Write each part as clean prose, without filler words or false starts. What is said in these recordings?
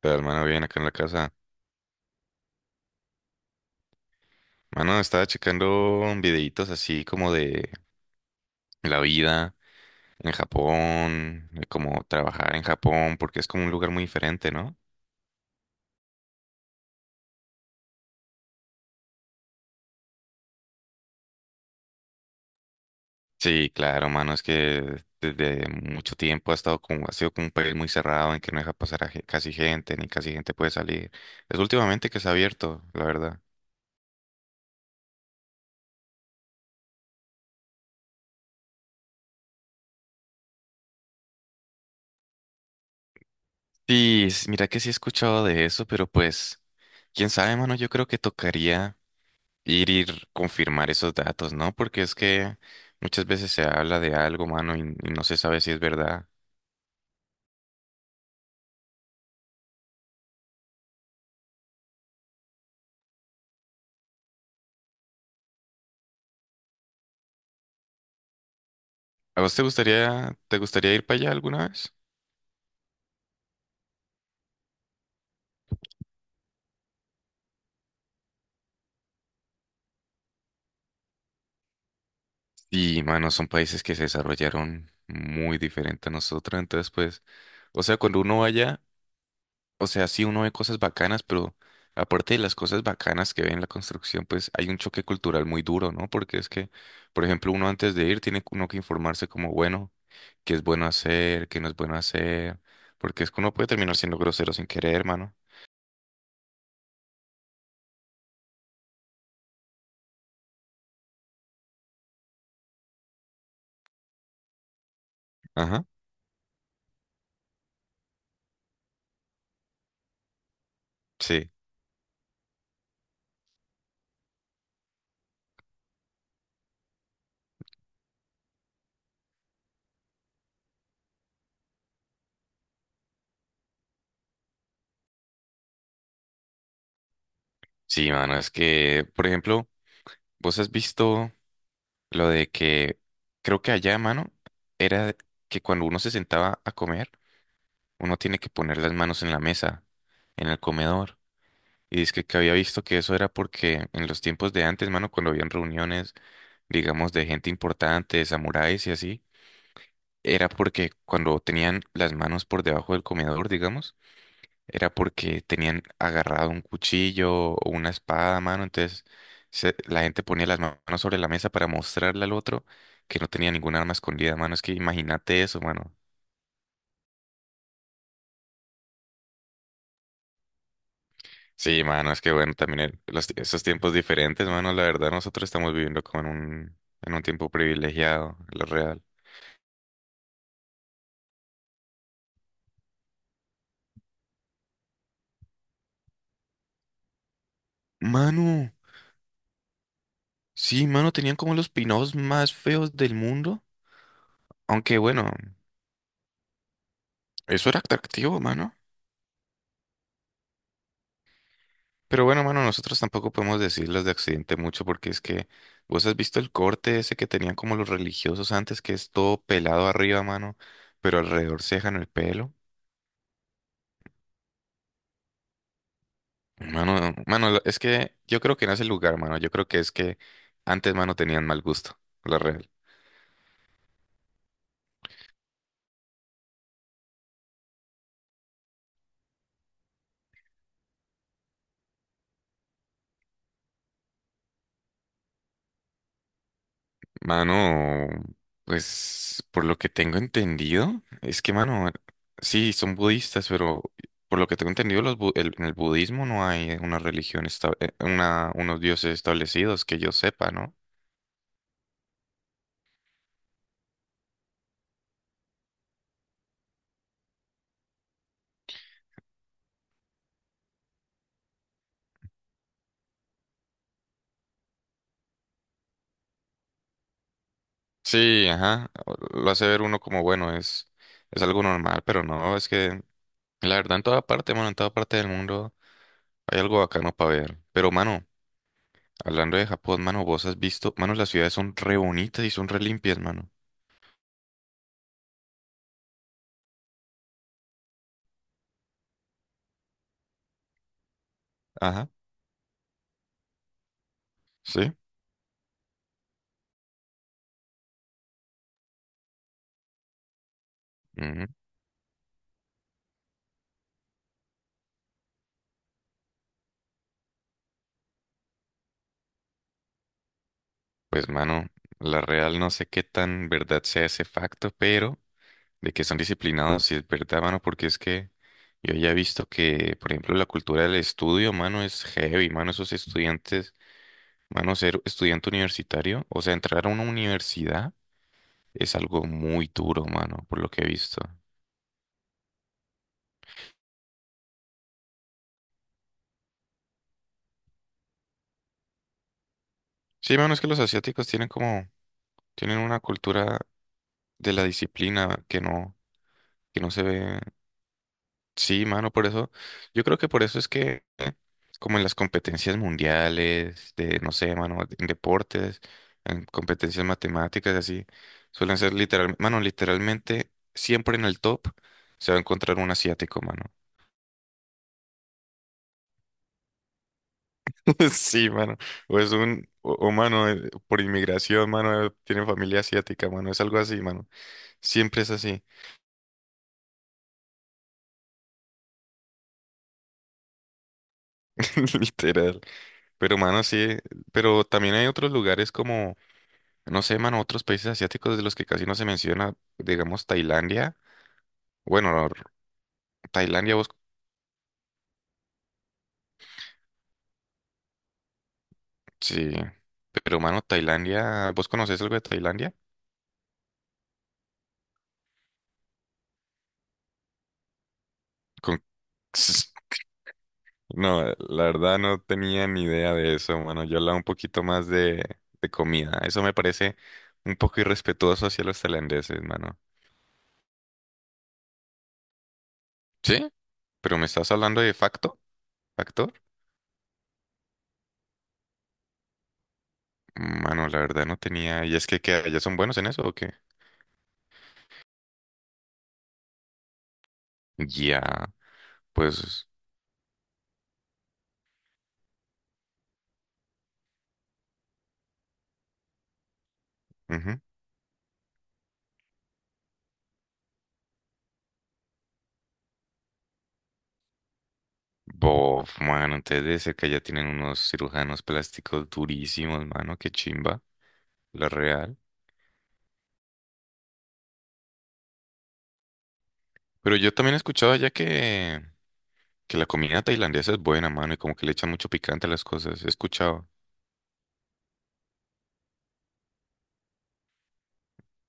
Todo el mano bien acá en la casa. Mano, estaba checando videitos así como de la vida en Japón, de cómo trabajar en Japón, porque es como un lugar muy diferente, ¿no? Sí, claro, mano, es que desde mucho tiempo ha estado como, ha sido como un país muy cerrado en que no deja pasar a ge- casi gente, ni casi gente puede salir. Es últimamente que se ha abierto, la verdad. Sí, mira que sí he escuchado de eso, pero pues, quién sabe, mano, yo creo que tocaría ir, confirmar esos datos, ¿no? Porque es que muchas veces se habla de algo, mano, y no se sabe si es verdad. ¿A vos te gustaría ir para allá alguna vez? Sí, mano, son países que se desarrollaron muy diferente a nosotros, entonces pues, o sea, cuando uno vaya. O sea, sí, uno ve cosas bacanas, pero aparte de las cosas bacanas que ve en la construcción, pues hay un choque cultural muy duro, ¿no? Porque es que, por ejemplo, uno antes de ir tiene uno que informarse como, bueno, qué es bueno hacer, qué no es bueno hacer, porque es que uno puede terminar siendo grosero sin querer, hermano. Ajá. Sí, sí, mano, es que, por ejemplo, vos has visto lo de que, creo que allá, mano, era que cuando uno se sentaba a comer, uno tiene que poner las manos en la mesa, en el comedor. Y es que había visto que eso era porque en los tiempos de antes, mano, cuando habían reuniones, digamos, de gente importante, de samuráis y así, era porque cuando tenían las manos por debajo del comedor, digamos, era porque tenían agarrado un cuchillo o una espada, mano. Entonces, la gente ponía las manos sobre la mesa para mostrarle al otro que no tenía ningún arma escondida, mano. Es que imagínate eso, mano. Sí, mano, es que bueno, también los, esos tiempos diferentes, mano, la verdad, nosotros estamos viviendo como en en un tiempo privilegiado, lo real. Mano, sí, mano, tenían como los pinados más feos del mundo. Aunque bueno, eso era atractivo, mano. Pero bueno, mano, nosotros tampoco podemos decir los de accidente mucho porque es que vos has visto el corte ese que tenían como los religiosos antes, que es todo pelado arriba, mano, pero alrededor se dejan el pelo. Mano, mano, es que yo creo que no es el lugar, mano. Yo creo que es que antes, mano, tenían mal gusto, la real. Mano, pues por lo que tengo entendido, es que, mano, sí, son budistas, pero por lo que tengo entendido, en el budismo no hay una religión, una, unos dioses establecidos que yo sepa, ¿no? Sí, ajá, lo hace ver uno como, bueno, es algo normal, pero no, es que la verdad en toda parte, mano, en toda parte del mundo hay algo bacano para ver. Pero, mano. Hablando de Japón, mano, vos has visto, mano, las ciudades son re bonitas y son re limpias, mano. Ajá, sí. Ujú. Pues, mano, la real no sé qué tan verdad sea ese facto, pero de que son disciplinados, sí es verdad, mano, porque es que yo ya he visto que, por ejemplo, la cultura del estudio, mano, es heavy, mano, esos estudiantes, mano, ser estudiante universitario, o sea, entrar a una universidad es algo muy duro, mano, por lo que he visto. Sí, mano, es que los asiáticos tienen como, tienen una cultura de la disciplina que no se ve. Sí, mano, por eso, yo creo que por eso es que como en las competencias mundiales, de, no sé, mano, en deportes, en competencias matemáticas, así, suelen ser literal mano, literalmente, siempre en el top se va a encontrar un asiático, mano. Sí, mano, o es un, mano, por inmigración, mano, tiene familia asiática, mano, es algo así, mano, siempre es así. Literal. Pero, mano, sí, pero también hay otros lugares como. No sé, mano, otros países asiáticos de los que casi no se menciona, digamos Tailandia. Bueno, no, Tailandia vos, sí, pero mano, Tailandia, ¿vos conocés algo de Tailandia? Con- No, la verdad no tenía ni idea de eso, mano. Yo hablaba un poquito más de comida. Eso me parece un poco irrespetuoso hacia los tailandeses, mano. ¿Sí? ¿Pero me estás hablando de facto? ¿Factor? Mano, la verdad no tenía. ¿Y es que allá son buenos en eso o qué? Ya, pues... Ujú. Bof, mano, entonces debe ser que allá tienen unos cirujanos plásticos durísimos, mano, qué chimba, la real. Pero yo también he escuchado allá que la comida tailandesa es buena, mano, y como que le echan mucho picante a las cosas, he escuchado.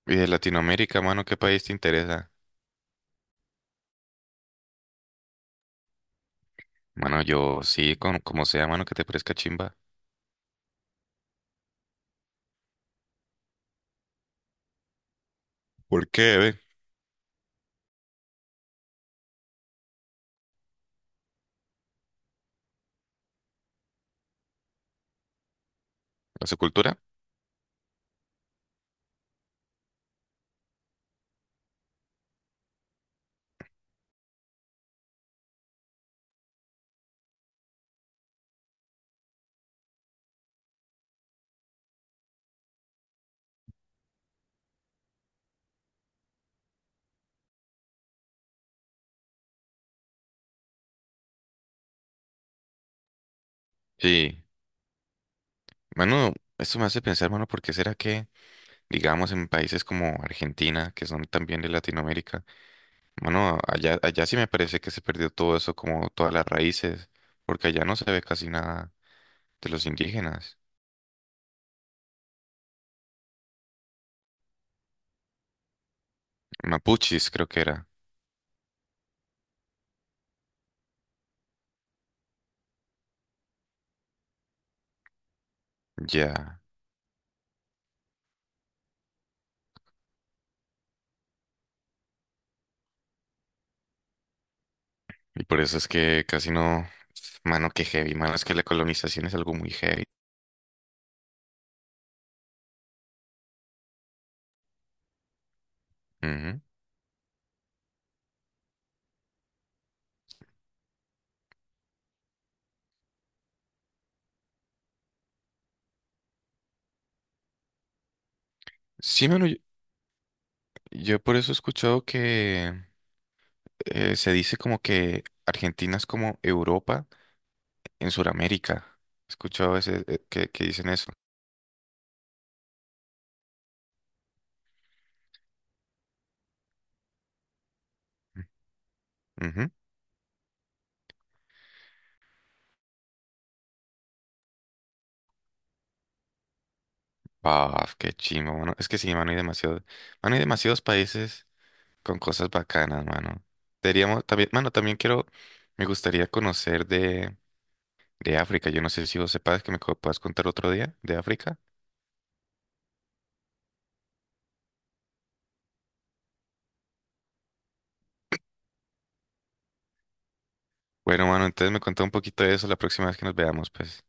Y de Latinoamérica, mano, ¿qué país te interesa? Mano, yo sí, con, como sea, mano, que te parezca chimba. ¿Por qué, ve? ¿La su cultura? Sí. Mano, esto me hace pensar, mano, ¿por qué será que, digamos, en países como Argentina, que son también de Latinoamérica, mano, allá sí me parece que se perdió todo eso, como todas las raíces, porque allá no se ve casi nada de los indígenas. Mapuches creo que era. Ya. Y por eso es que casi no... Mano, qué heavy, mano, es que la colonización es algo muy heavy. Ujú. Sí, mano, yo por eso he escuchado que se dice como que Argentina es como Europa en Sudamérica. He escuchado ese, que dicen eso. Ujú. Paf, qué chimbo, mano. Es que sí, mano, hay demasiado, mano, hay demasiados países con cosas bacanas, mano. Deberíamos, también, mano, también quiero, me gustaría conocer de África. Yo no sé si vos sepas que me puedas contar otro día de África. Bueno, mano, entonces me contá un poquito de eso la próxima vez que nos veamos, pues.